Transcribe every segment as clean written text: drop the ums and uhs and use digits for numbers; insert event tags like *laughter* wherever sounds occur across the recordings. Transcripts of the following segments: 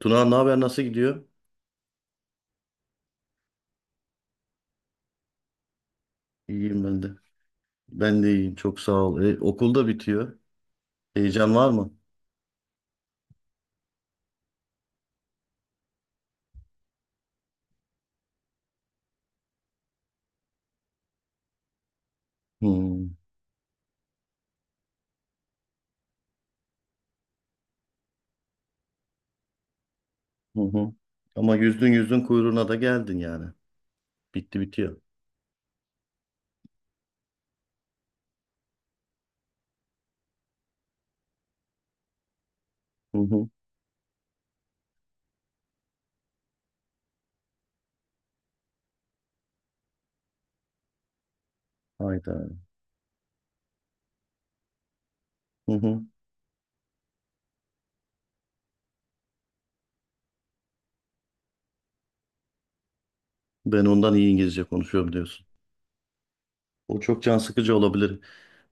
Tuna ne haber nasıl gidiyor? İyiyim ben de. Ben de iyiyim çok sağ ol. Okul da bitiyor. Heyecan var mı? Hmm. Hı hı. Ama yüzdün yüzdün kuyruğuna da geldin yani. Bitti bitiyor. Hı hı. Hayda. Hı hı. Ben ondan iyi İngilizce konuşuyorum diyorsun. O çok can sıkıcı olabilir.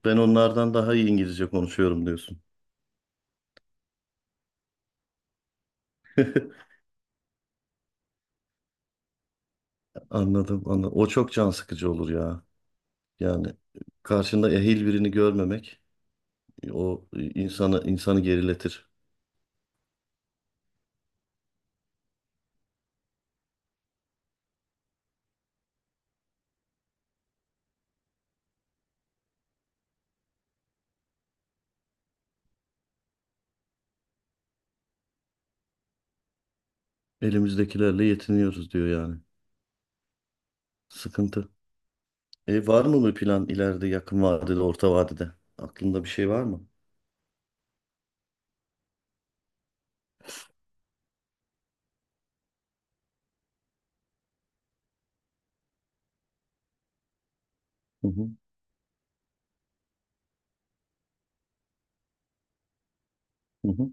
Ben onlardan daha iyi İngilizce konuşuyorum diyorsun. *laughs* Anladım, anladım. O çok can sıkıcı olur ya. Yani karşında ehil birini görmemek o insanı geriletir. Elimizdekilerle yetiniyoruz diyor yani. Sıkıntı. Var mı bir plan ileride yakın vadede, orta vadede? Aklında bir şey var mı? Hı hı, hı hı.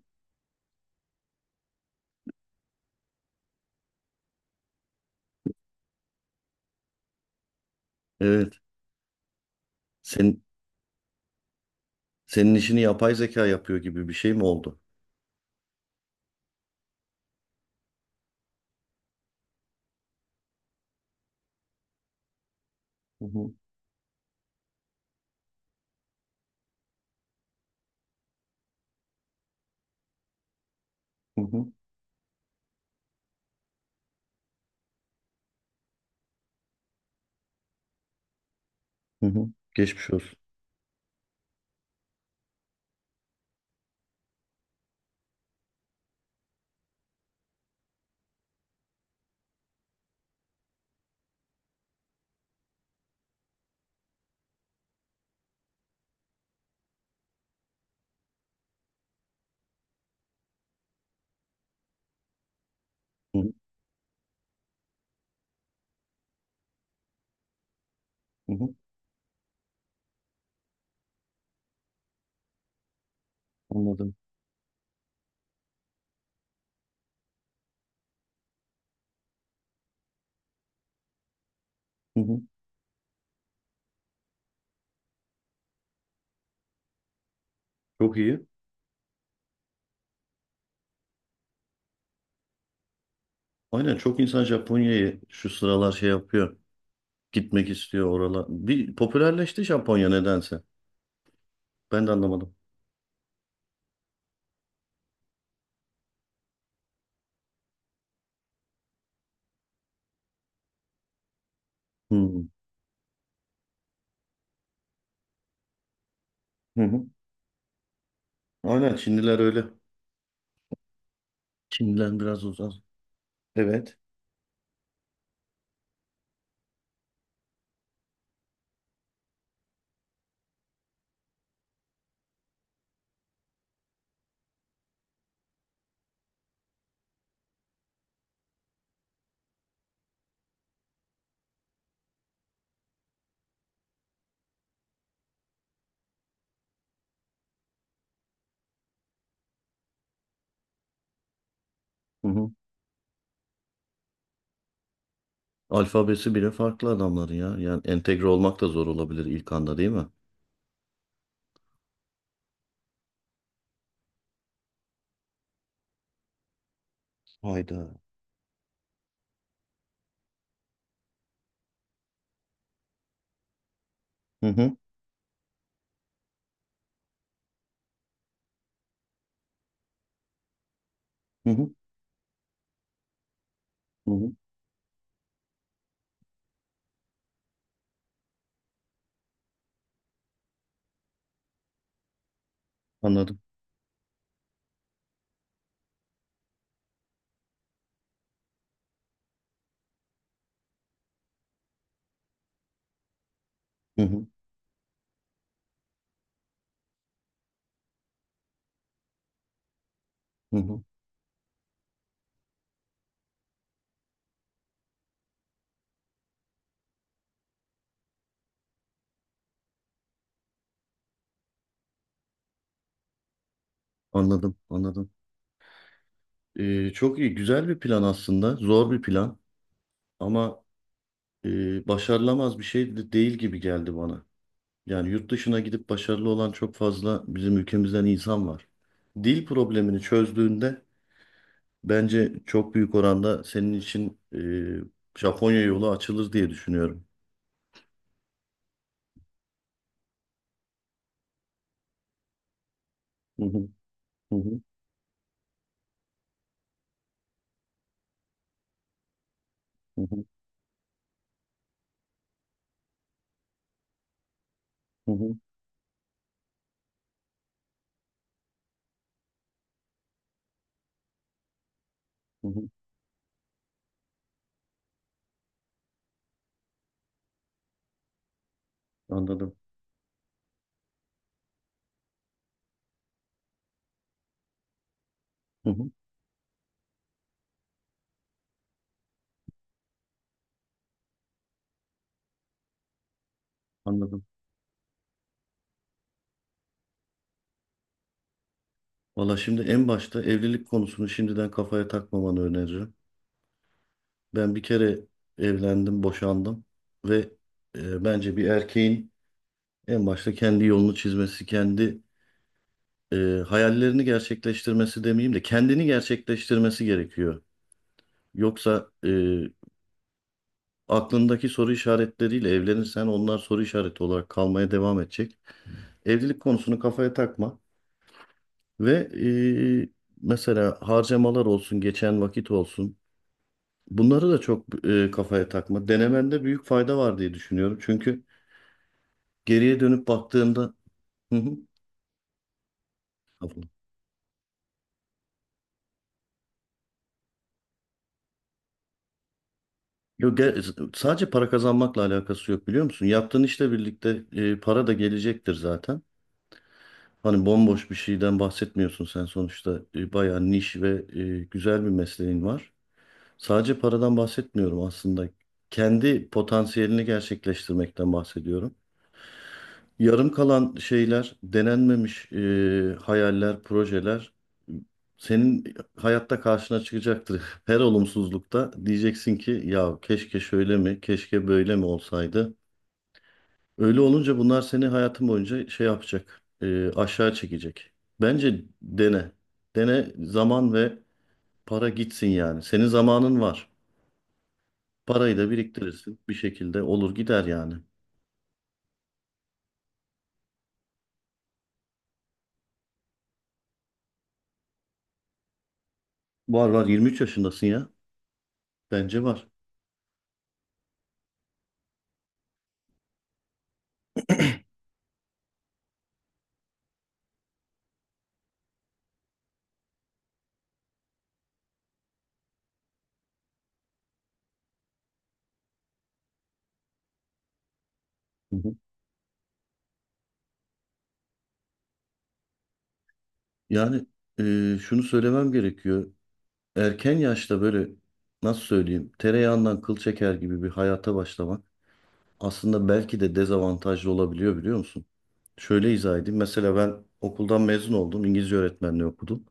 Evet. Sen, senin işini yapay zeka yapıyor gibi bir şey mi oldu? Hı hı, hı hı, hı hı. Geçmiş olsun. Hı hı, hı hı. Anladım. Hı hı. Çok iyi. Aynen çok insan Japonya'yı şu sıralar şey yapıyor. Gitmek istiyor oralar. Bir popülerleşti Japonya nedense. Ben de anlamadım. Hı hı. Hı hı. Aynen Çinliler öyle. Çinliler biraz uzak. Evet. Hı hı. Alfabesi bile farklı adamların ya. Yani entegre olmak da zor olabilir ilk anda değil mi? Hayda. Hı hı. Hı hı. Hı hı. Anladım. Hı hı. Hı hı. Anladım. Anladım. Çok iyi. Güzel bir plan aslında. Zor bir plan. Ama başarılamaz bir şey de değil gibi geldi bana. Yani yurt dışına gidip başarılı olan çok fazla bizim ülkemizden insan var. Dil problemini çözdüğünde bence çok büyük oranda senin için Japonya yolu açılır diye düşünüyorum. Hı hı, hı hı, hı hı, hı hı, hı hı. Anladım. Hı hı, anladım. Valla şimdi en başta evlilik konusunu şimdiden kafaya takmamanı öneririm. Ben bir kere evlendim, boşandım ve bence bir erkeğin en başta kendi yolunu çizmesi, kendi e, hayallerini gerçekleştirmesi demeyeyim de kendini gerçekleştirmesi gerekiyor. Yoksa aklındaki soru işaretleriyle evlenirsen onlar soru işareti olarak kalmaya devam edecek. Evlilik konusunu kafaya takma. Ve e, mesela harcamalar olsun, geçen vakit olsun. Bunları da çok kafaya takma. Denemende büyük fayda var diye düşünüyorum. Çünkü geriye dönüp baktığında. Hı hı. Afiyet. Yok, sadece para kazanmakla alakası yok biliyor musun? Yaptığın işle birlikte para da gelecektir zaten. Hani bomboş bir şeyden bahsetmiyorsun sen sonuçta. Bayağı niş ve güzel bir mesleğin var. Sadece paradan bahsetmiyorum aslında. Kendi potansiyelini gerçekleştirmekten bahsediyorum. Yarım kalan şeyler, denenmemiş hayaller, projeler senin hayatta karşına çıkacaktır. *laughs* Her olumsuzlukta diyeceksin ki ya keşke şöyle mi, keşke böyle mi olsaydı. Öyle olunca bunlar seni hayatın boyunca şey yapacak, aşağı çekecek. Bence dene. Dene zaman ve para gitsin yani. Senin zamanın var. Parayı da biriktirirsin. Bir şekilde olur gider yani. Var var 23 yaşındasın ya. Bence var. Yani şunu söylemem gerekiyor. Erken yaşta böyle nasıl söyleyeyim tereyağından kıl çeker gibi bir hayata başlamak aslında belki de dezavantajlı olabiliyor biliyor musun? Şöyle izah edeyim. Mesela ben okuldan mezun oldum. İngilizce öğretmenliği okudum.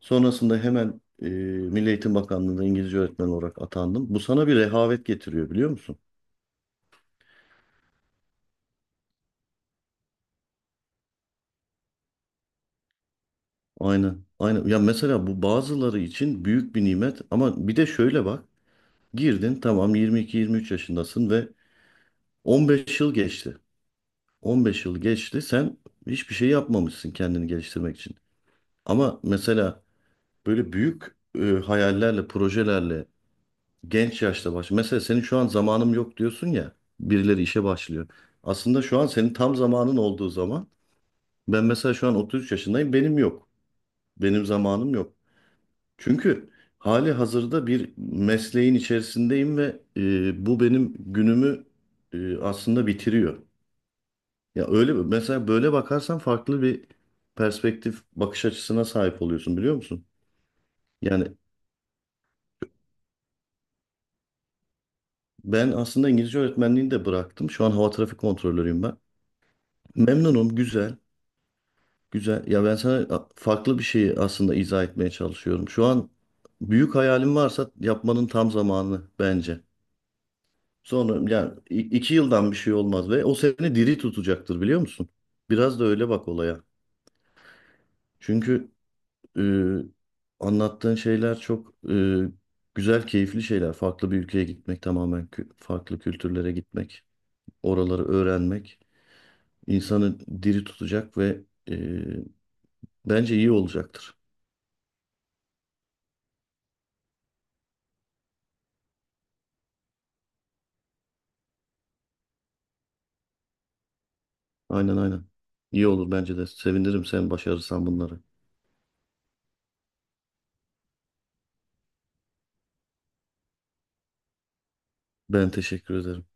Sonrasında hemen Milli Eğitim Bakanlığı'nda İngilizce öğretmen olarak atandım. Bu sana bir rehavet getiriyor biliyor musun? Aynen. Aynen. Ya mesela bu bazıları için büyük bir nimet ama bir de şöyle bak. Girdin tamam 22-23 yaşındasın ve 15 yıl geçti. 15 yıl geçti. Sen hiçbir şey yapmamışsın kendini geliştirmek için. Ama mesela böyle büyük hayallerle, projelerle genç yaşta baş. Mesela senin şu an zamanım yok diyorsun ya. Birileri işe başlıyor. Aslında şu an senin tam zamanın olduğu zaman. Ben mesela şu an 33 yaşındayım. Benim yok. Benim zamanım yok. Çünkü hali hazırda bir mesleğin içerisindeyim ve bu benim günümü aslında bitiriyor. Ya öyle mesela böyle bakarsan farklı bir perspektif bakış açısına sahip oluyorsun biliyor musun? Yani ben aslında İngilizce öğretmenliğini de bıraktım. Şu an hava trafik kontrolörüyüm ben. Memnunum, güzel, güzel. Ya ben sana farklı bir şeyi aslında izah etmeye çalışıyorum. Şu an büyük hayalim varsa yapmanın tam zamanı bence. Sonra yani 2 yıldan bir şey olmaz ve o seni diri tutacaktır biliyor musun? Biraz da öyle bak olaya. Çünkü Ee, anlattığın şeyler çok güzel, keyifli şeyler. Farklı bir ülkeye gitmek, tamamen farklı kültürlere gitmek, oraları öğrenmek insanı diri tutacak ve e, bence iyi olacaktır. Aynen aynen. İyi olur bence de. Sevinirim sen başarırsan bunları. Ben teşekkür ederim.